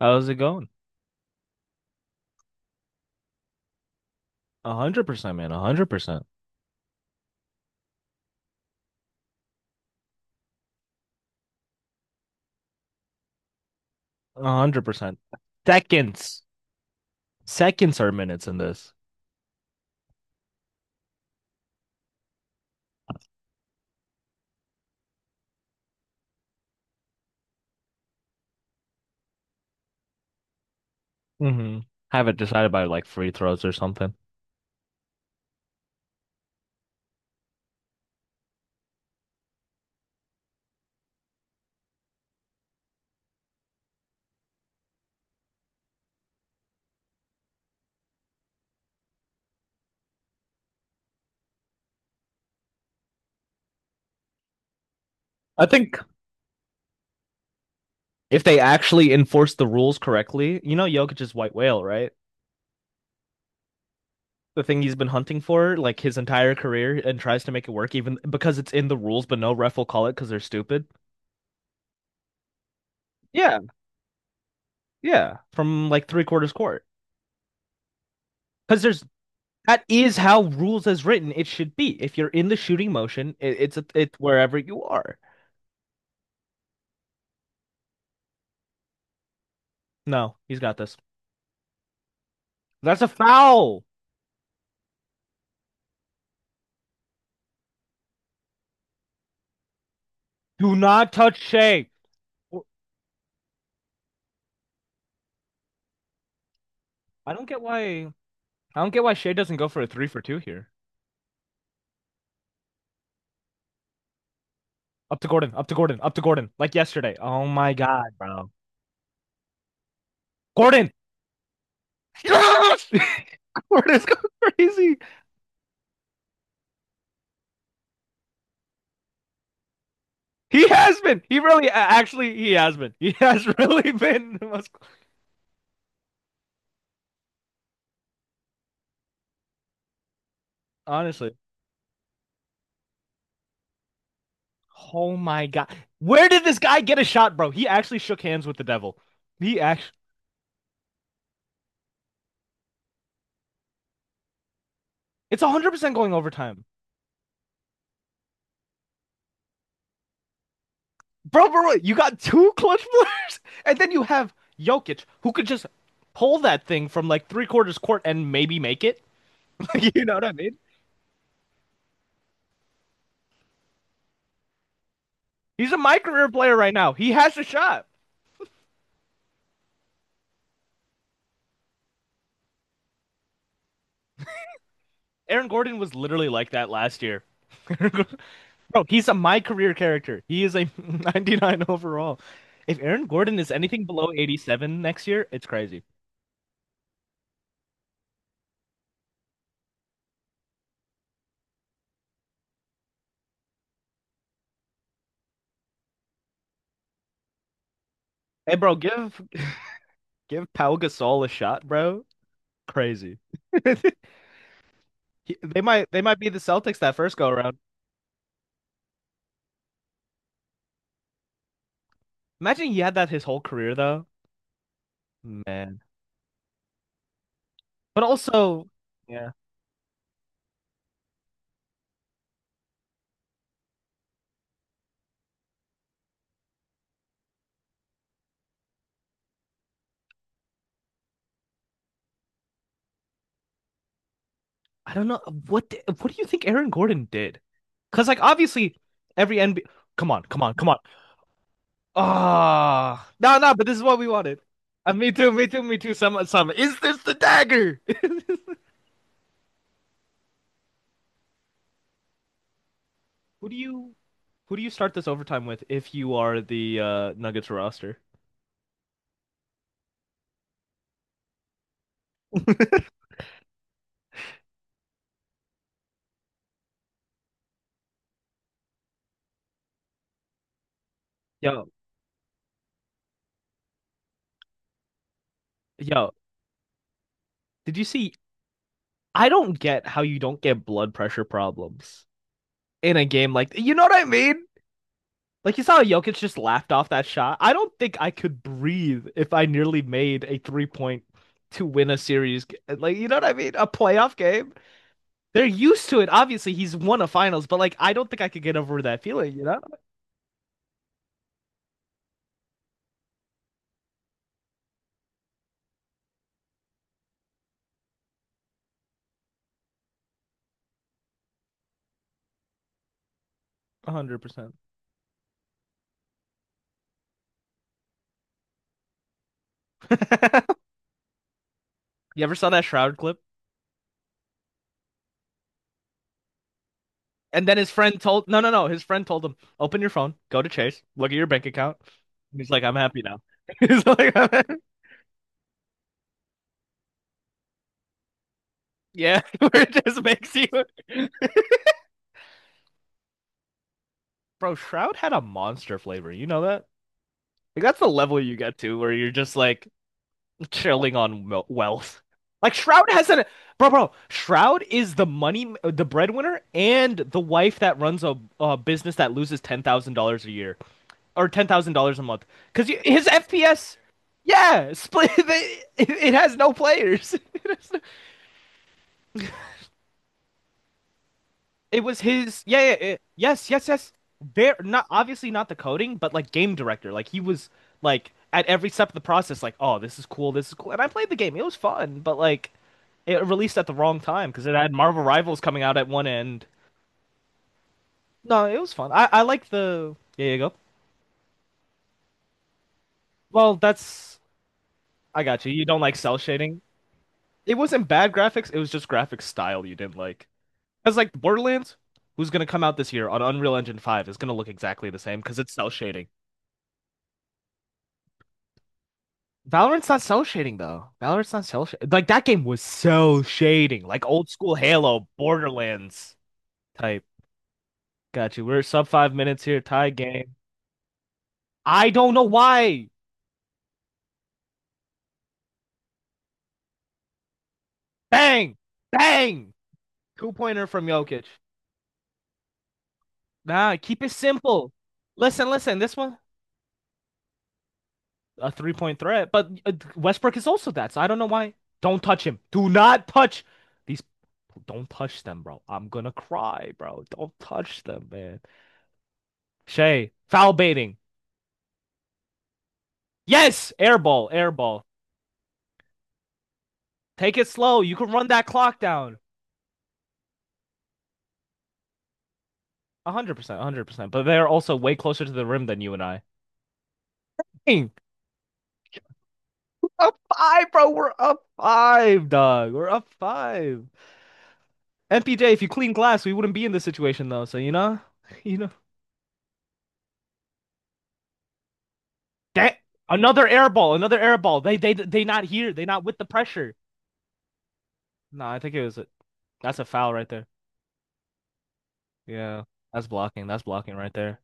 How's it going? A hundred percent, man. A hundred percent. A hundred percent. Seconds. Seconds are minutes in this. Mm-hmm. Have it decided by like free throws or something. I think if they actually enforce the rules correctly, Jokic's white whale, right? The thing he's been hunting for like his entire career and tries to make it work even because it's in the rules, but no ref will call it because they're stupid. Yeah, yeah. From like three quarters court. Because there's That is how rules as written it should be. If you're in the shooting motion, it's wherever you are. No, he's got this. That's a foul. Do not touch Shea. I don't get why I don't get why Shea doesn't go for a three for two here. Up to Gordon, up to Gordon, up to Gordon, like yesterday. Oh my God, bro. Gordon! Yes! Gordon's going crazy. He has been. He really, actually, he has been. He has really been the most, honestly. Oh my God. Where did this guy get a shot, bro? He actually shook hands with the devil. He actually, it's 100% going overtime. Bro, you got two clutch players, and then you have Jokic, who could just pull that thing from like three quarters court and maybe make it. You know what I mean? He's a my career player right now. He has a shot. Aaron Gordon was literally like that last year. Bro, he's a my career character. He is a 99 overall. If Aaron Gordon is anything below 87 next year, it's crazy. Hey, bro, give Pau Gasol a shot, bro. Crazy. He- They might be the Celtics that first go around. Imagine he had that his whole career though. Man. But also, yeah, I don't know what do you think Aaron Gordon did? Because like obviously every NBA— come on, come on, come on. Ah, no, no, but this is what we wanted. Me too, me too, me too. Some Is this the dagger? Who do you who do you start this overtime with if you are the Nuggets roster? Yo, yo, did you see— I don't get how you don't get blood pressure problems in a game, like, you know what I mean? Like you saw Jokic just laughed off that shot. I don't think I could breathe if I nearly made a three point to win a series. Like, you know what I mean? A playoff game. They're used to it. Obviously, he's won a finals, but like I don't think I could get over that feeling. You know, 100%. You ever saw that Shroud clip? And then his friend told— no, no, no. His friend told him, "Open your phone, go to Chase, look at your bank account." And he's like, "I'm happy now." He's like, yeah, where it just makes you. Bro, Shroud had a monster flavor. You know that? Like that's the level you get to where you're just like chilling on wel- wealth. Like Shroud has an— bro. Shroud is the money, the breadwinner, and the wife that runs a business that loses $10,000 a year or $10,000 a month. Because his FPS, yeah, split. It has no players. It was his, yeah, yeah, yeah, yes, yes, yes. Very not— obviously not the coding, but like game director. Like he was like at every step of the process, like, oh, this is cool, this is cool. And I played the game; it was fun, but like, it released at the wrong time because it had Marvel Rivals coming out at one end. No, it was fun. I like the— yeah, you go. Well, that's— I got you. You don't like cell shading. It wasn't bad graphics. It was just graphic style you didn't like. Because like Borderlands, who's gonna come out this year on Unreal Engine 5 is gonna look exactly the same because it's cell shading. Valorant's not cell shading though. Valorant's not cell shading. Like that game was cell shading, like old school Halo, Borderlands type. Got you. We're sub 5 minutes here, tie game. I don't know why. Bang, bang, two pointer from Jokic. Nah, keep it simple. Listen, listen. This one a three point threat, but Westbrook is also that. So I don't know why. Don't touch him. Do not touch these. Don't touch them, bro. I'm gonna cry, bro. Don't touch them, man. Shay, foul baiting. Yes, air ball, air ball. Take it slow. You can run that clock down. 100%, 100%. But they're also way closer to the rim than you and I. Dang, up five, bro. We're up five, dog. We're up five. MPJ, if you clean glass, we wouldn't be in this situation though. So you know, you know that— another air ball, another air ball. They not here. They not with the pressure. No, I think it was a, That's a foul right there. Yeah, that's blocking. That's blocking right there,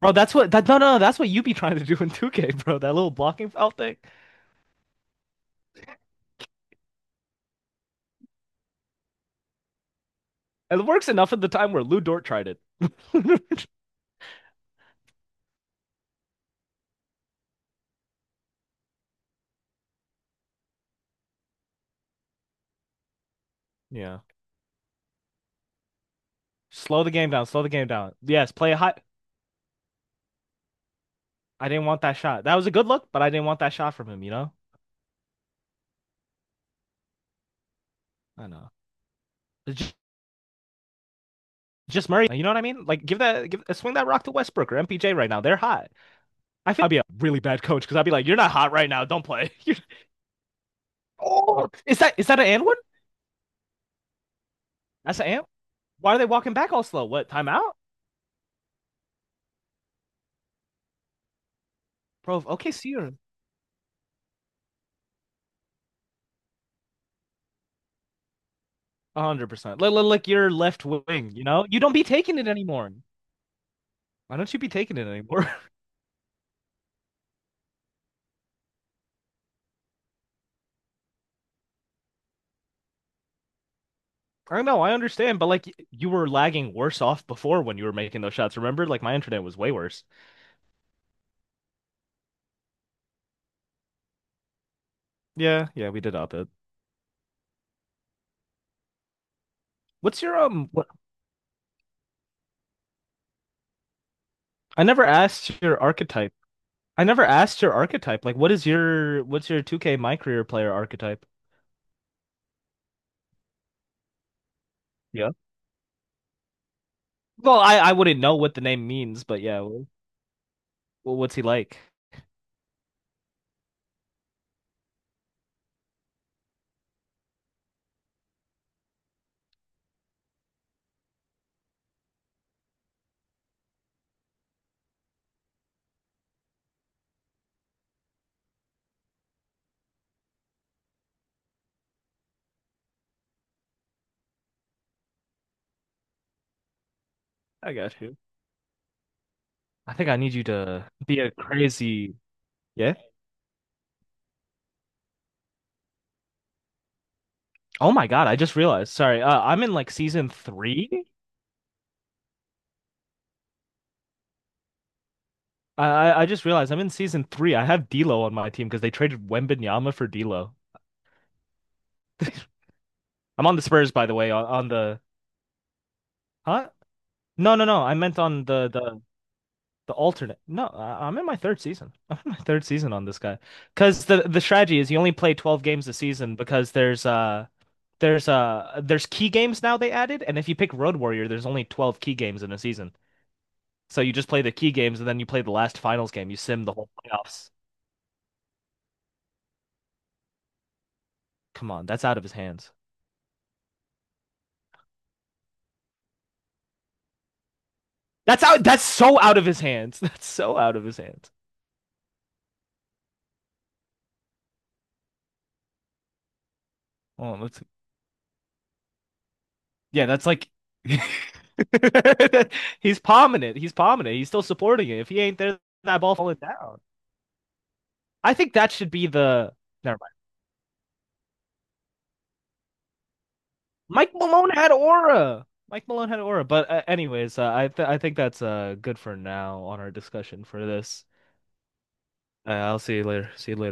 bro. That's what that No. That's what you be trying to do in 2K, bro. That little blocking foul thing. It works enough at the time where Lou Dort tried it. Yeah. Slow the game down. Slow the game down. Yes, play a hot. I didn't want that shot. That was a good look, but I didn't want that shot from him, you know? I know. It's ju- just Murray. You know what I mean? Like give that give swing that rock to Westbrook or MPJ right now. They're hot. I feel like I'd be a really bad coach because I'd be like, "You're not hot right now. Don't play." You're... Oh, is that an and one? That's an and Why are they walking back all slow? What timeout? Bro, okay, see you— 100%. Like your left wing, you know? You don't be taking it anymore. Why don't you be taking it anymore? I know, I understand, but like you were lagging worse off before when you were making those shots. Remember, like my internet was way worse. Yeah, yeah, we did up it. What's your What— I never asked your archetype. I never asked your archetype. Like, what's your 2K my career player archetype? Yeah. Well, I wouldn't know what the name means, but yeah. Well, well, what's he like? I got you. I think I need you to be a crazy. Yeah. Oh my God, I just realized. Sorry, I'm in like season three— I just realized I'm in season three. I have D'Lo on my team because they traded Wembanyama for D'Lo. I'm on the Spurs, by the way. On the— huh? No, no, no. I meant on the the alternate. No, I, I'm in my third season. I'm in my third season on this guy because the strategy is you only play 12 games a season because there's key games now they added, and if you pick Road Warrior, there's only 12 key games in a season. So you just play the key games and then you play the last finals game. You sim the whole playoffs. Come on, that's out of his hands. That's out. That's so out of his hands. That's so out of his hands. Hold on, let's— yeah, that's like— he's palming it. He's palming it. He's still supporting it. If he ain't there, that ball falling down. I think that should be the— never mind. Mike Malone had aura. Mike Malone had aura. But anyways, I think that's good for now on our discussion for this. I'll see you later. See you later.